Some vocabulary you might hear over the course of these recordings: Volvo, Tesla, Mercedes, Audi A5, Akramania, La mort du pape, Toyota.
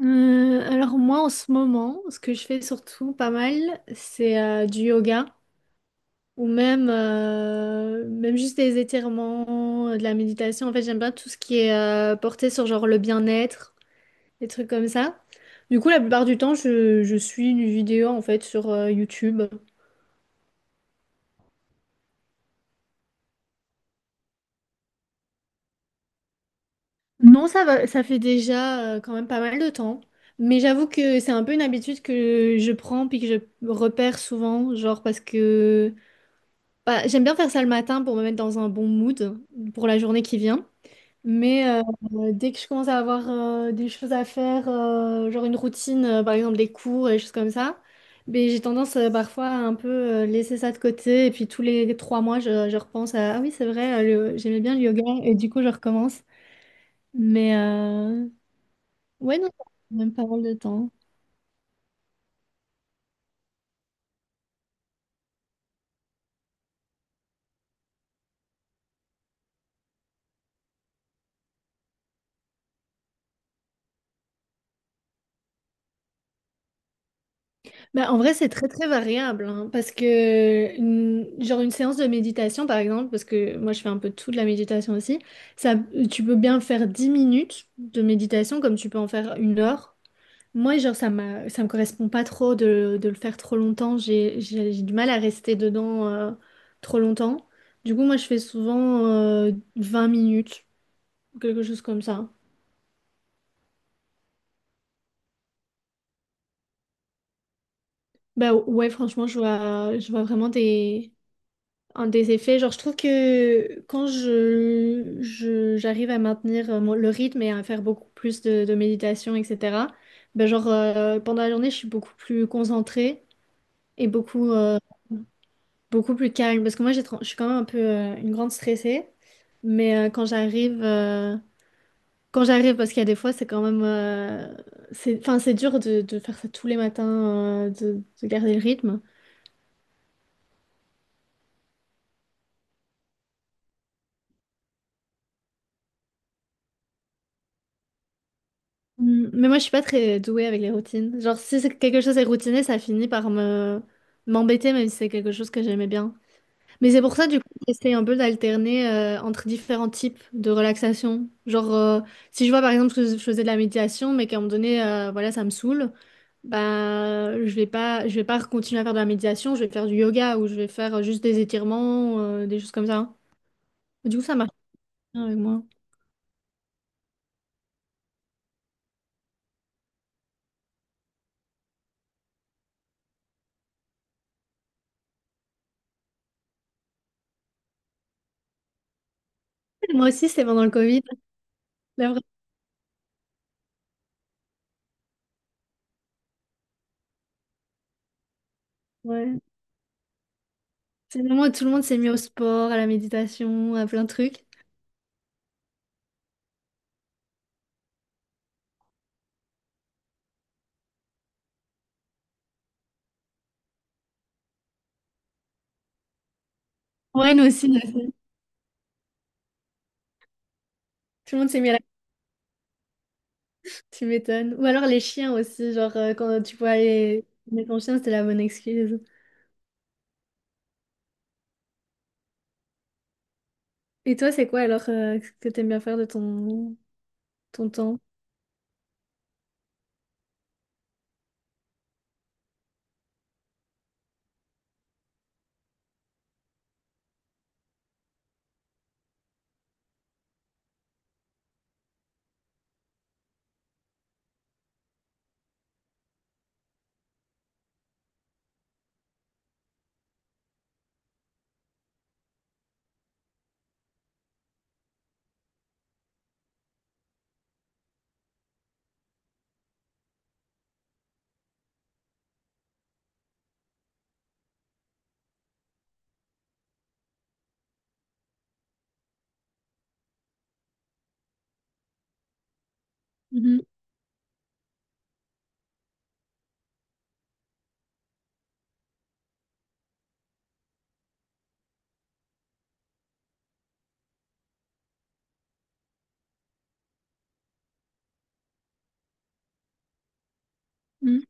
Alors moi en ce moment, ce que je fais surtout pas mal, c'est du yoga ou même, même juste des étirements, de la méditation. En fait, j'aime bien tout ce qui est porté sur genre le bien-être, des trucs comme ça. Du coup, la plupart du temps, je suis une vidéo en fait sur YouTube. Non, ça va, ça fait déjà quand même pas mal de temps. Mais j'avoue que c'est un peu une habitude que je prends puis que je repère souvent, genre parce que. Bah, j'aime bien faire ça le matin pour me mettre dans un bon mood pour la journée qui vient. Mais dès que je commence à avoir des choses à faire, genre une routine, par exemple des cours et des choses comme ça, mais j'ai tendance parfois à un peu laisser ça de côté. Et puis tous les 3 mois, je repense à, ah oui, c'est vrai, j'aimais bien le yoga et du coup, je recommence. Mais ouais, non, ça prend même pas mal de temps. Bah, en vrai, c'est très très variable hein, parce que genre une séance de méditation par exemple, parce que moi je fais un peu tout de la méditation aussi, ça, tu peux bien faire 10 minutes de méditation comme tu peux en faire 1 heure. Moi, genre ça me correspond pas trop de le faire trop longtemps, j'ai du mal à rester dedans trop longtemps. Du coup, moi je fais souvent 20 minutes, quelque chose comme ça. Bah ouais, franchement, je vois vraiment un des effets, genre je trouve que quand j'arrive à maintenir le rythme et à faire beaucoup plus de méditation, etc., ben genre pendant la journée, je suis beaucoup plus concentrée et beaucoup plus calme. Parce que moi, je suis quand même un peu une grande stressée, mais quand j'arrive, parce qu'il y a des fois, c'est quand même, enfin, c'est dur de faire ça tous les matins, de garder le rythme. Mm, mais moi, je suis pas très douée avec les routines. Genre, si c'est quelque chose est routiné, ça finit par me m'embêter, même si c'est quelque chose que j'aimais bien. Mais c'est pour ça, du coup, j'essaie un peu d'alterner entre différents types de relaxation. Genre, si je vois par exemple que je faisais de la méditation, mais qu'à un moment donné, voilà, ça me saoule, bah, je vais pas continuer à faire de la méditation. Je vais faire du yoga ou je vais faire juste des étirements, des choses comme ça, hein. Du coup, ça marche bien avec moi. Moi aussi, c'était pendant le Covid. La vraie- ouais. C'est le moment où tout le monde s'est mis au sport, à la méditation, à plein de trucs. Ouais, nous aussi. Tout le monde s'est mis à la. Tu m'étonnes. Ou alors les chiens aussi, genre quand tu pouvais aller mettre ton chien, c'était la bonne excuse. Et toi, c'est quoi alors que t'aimes bien faire de ton temps? Mhm, mhm.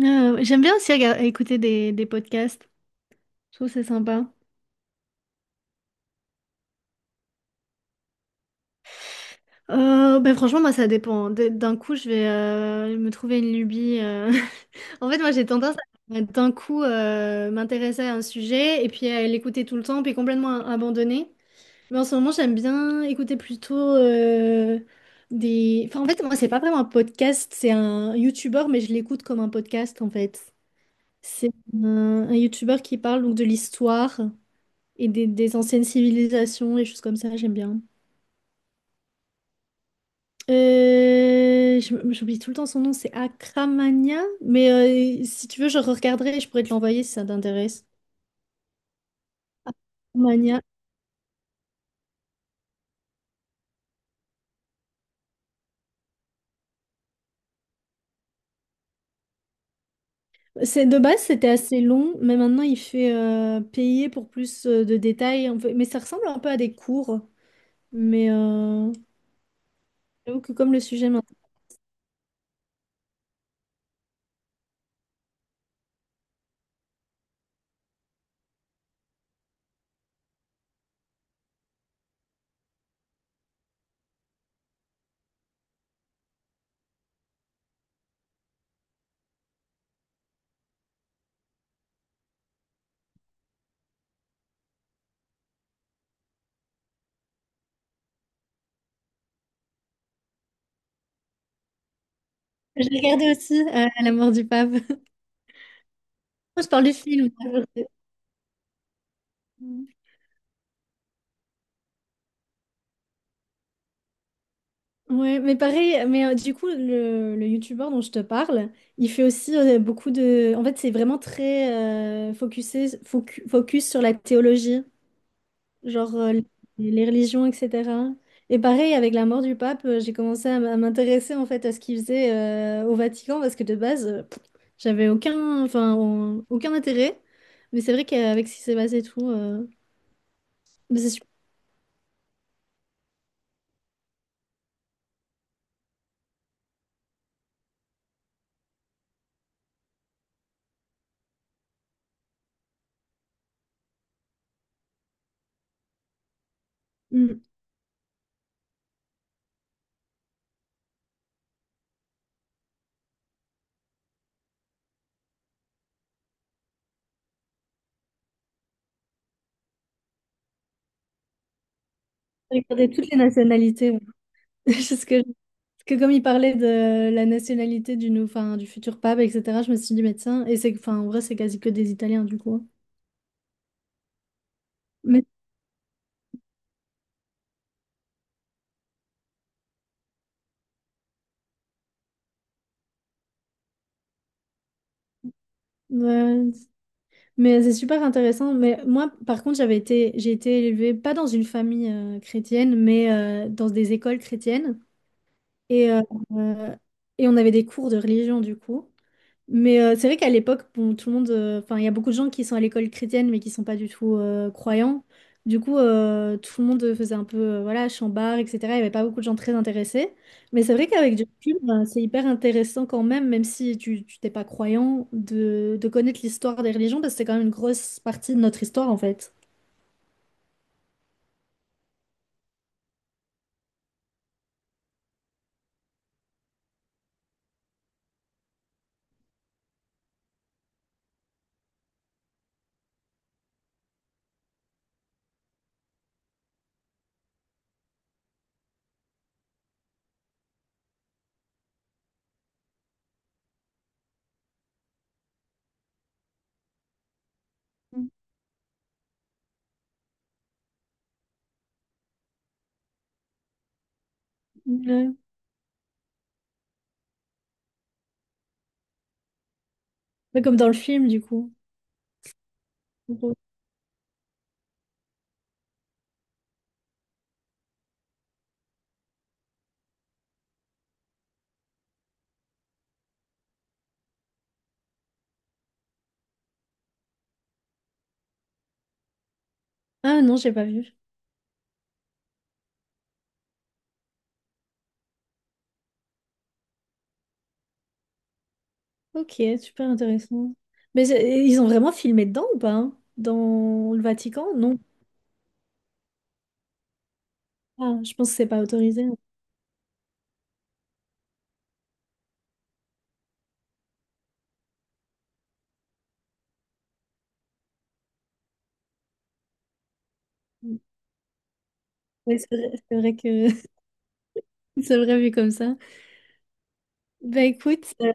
J'aime bien aussi écouter des podcasts. Je trouve que c'est sympa. Ben franchement, moi, ça dépend. D'un coup, je vais me trouver une lubie. En fait, moi, j'ai tendance à d'un coup m'intéresser à un sujet et puis à l'écouter tout le temps, puis complètement abandonner. Mais en ce moment, j'aime bien écouter Enfin, en fait, moi, c'est pas vraiment un podcast, c'est un YouTuber, mais je l'écoute comme un podcast, en fait. C'est un YouTuber qui parle donc de l'histoire et des anciennes civilisations et choses comme ça, j'aime bien. J'oublie tout le temps son nom, c'est Akramania, mais si tu veux, je regarderai et je pourrais te l'envoyer si ça t'intéresse. Akramania. De base, c'était assez long, mais maintenant il fait payer pour plus de détails, en fait. Mais ça ressemble un peu à des cours. Mais euh, J'avoue que comme le sujet m'intéresse. J'ai regardé aussi La mort du pape. Je parle du film. Ouais, mais pareil, mais du coup, le youtubeur dont je te parle, il fait aussi beaucoup En fait, c'est vraiment très focus sur la théologie, genre les religions, etc. Et pareil, avec la mort du pape, j'ai commencé à m'intéresser en fait à ce qu'il faisait au Vatican, parce que de base, j'avais aucun, enfin, aucun intérêt. Mais c'est vrai qu'avec ce qui s'est passé et tout, mais c'est super. Mm. J'ai regardé toutes les nationalités, ouais. jusque Que comme il parlait de la nationalité enfin, du futur pape, etc., je me suis dit, mais tiens, et enfin, en vrai, c'est quasi que des Italiens, du coup. Mais, ouais. Mais c'est super intéressant. Mais moi, par contre, j'ai été élevée, pas dans une famille chrétienne, mais dans des écoles chrétiennes. Et, euh, euh, et on avait des cours de religion, du coup. C'est vrai qu'à l'époque, bon, enfin, il y a beaucoup de gens qui sont à l'école chrétienne, mais qui sont pas du tout croyants. Du coup, tout le monde faisait un peu, voilà, chambard, etc. Il y avait pas beaucoup de gens très intéressés. Mais c'est vrai qu'avec du recul, ben, c'est hyper intéressant quand même, même si tu t'es pas croyant, de connaître l'histoire des religions, parce que c'est quand même une grosse partie de notre histoire, en fait. Ouais. Ouais, comme dans le film, du coup. Ah non, j'ai pas vu. Ok, super intéressant. Mais ils ont vraiment filmé dedans ou pas, hein, dans le Vatican? Non. Ah, je pense que c'est pas autorisé. Oui, c'est vrai que c'est vrai vu comme ça. Bah écoute,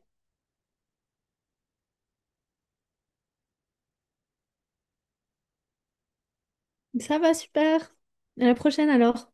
ça va super. À la prochaine alors.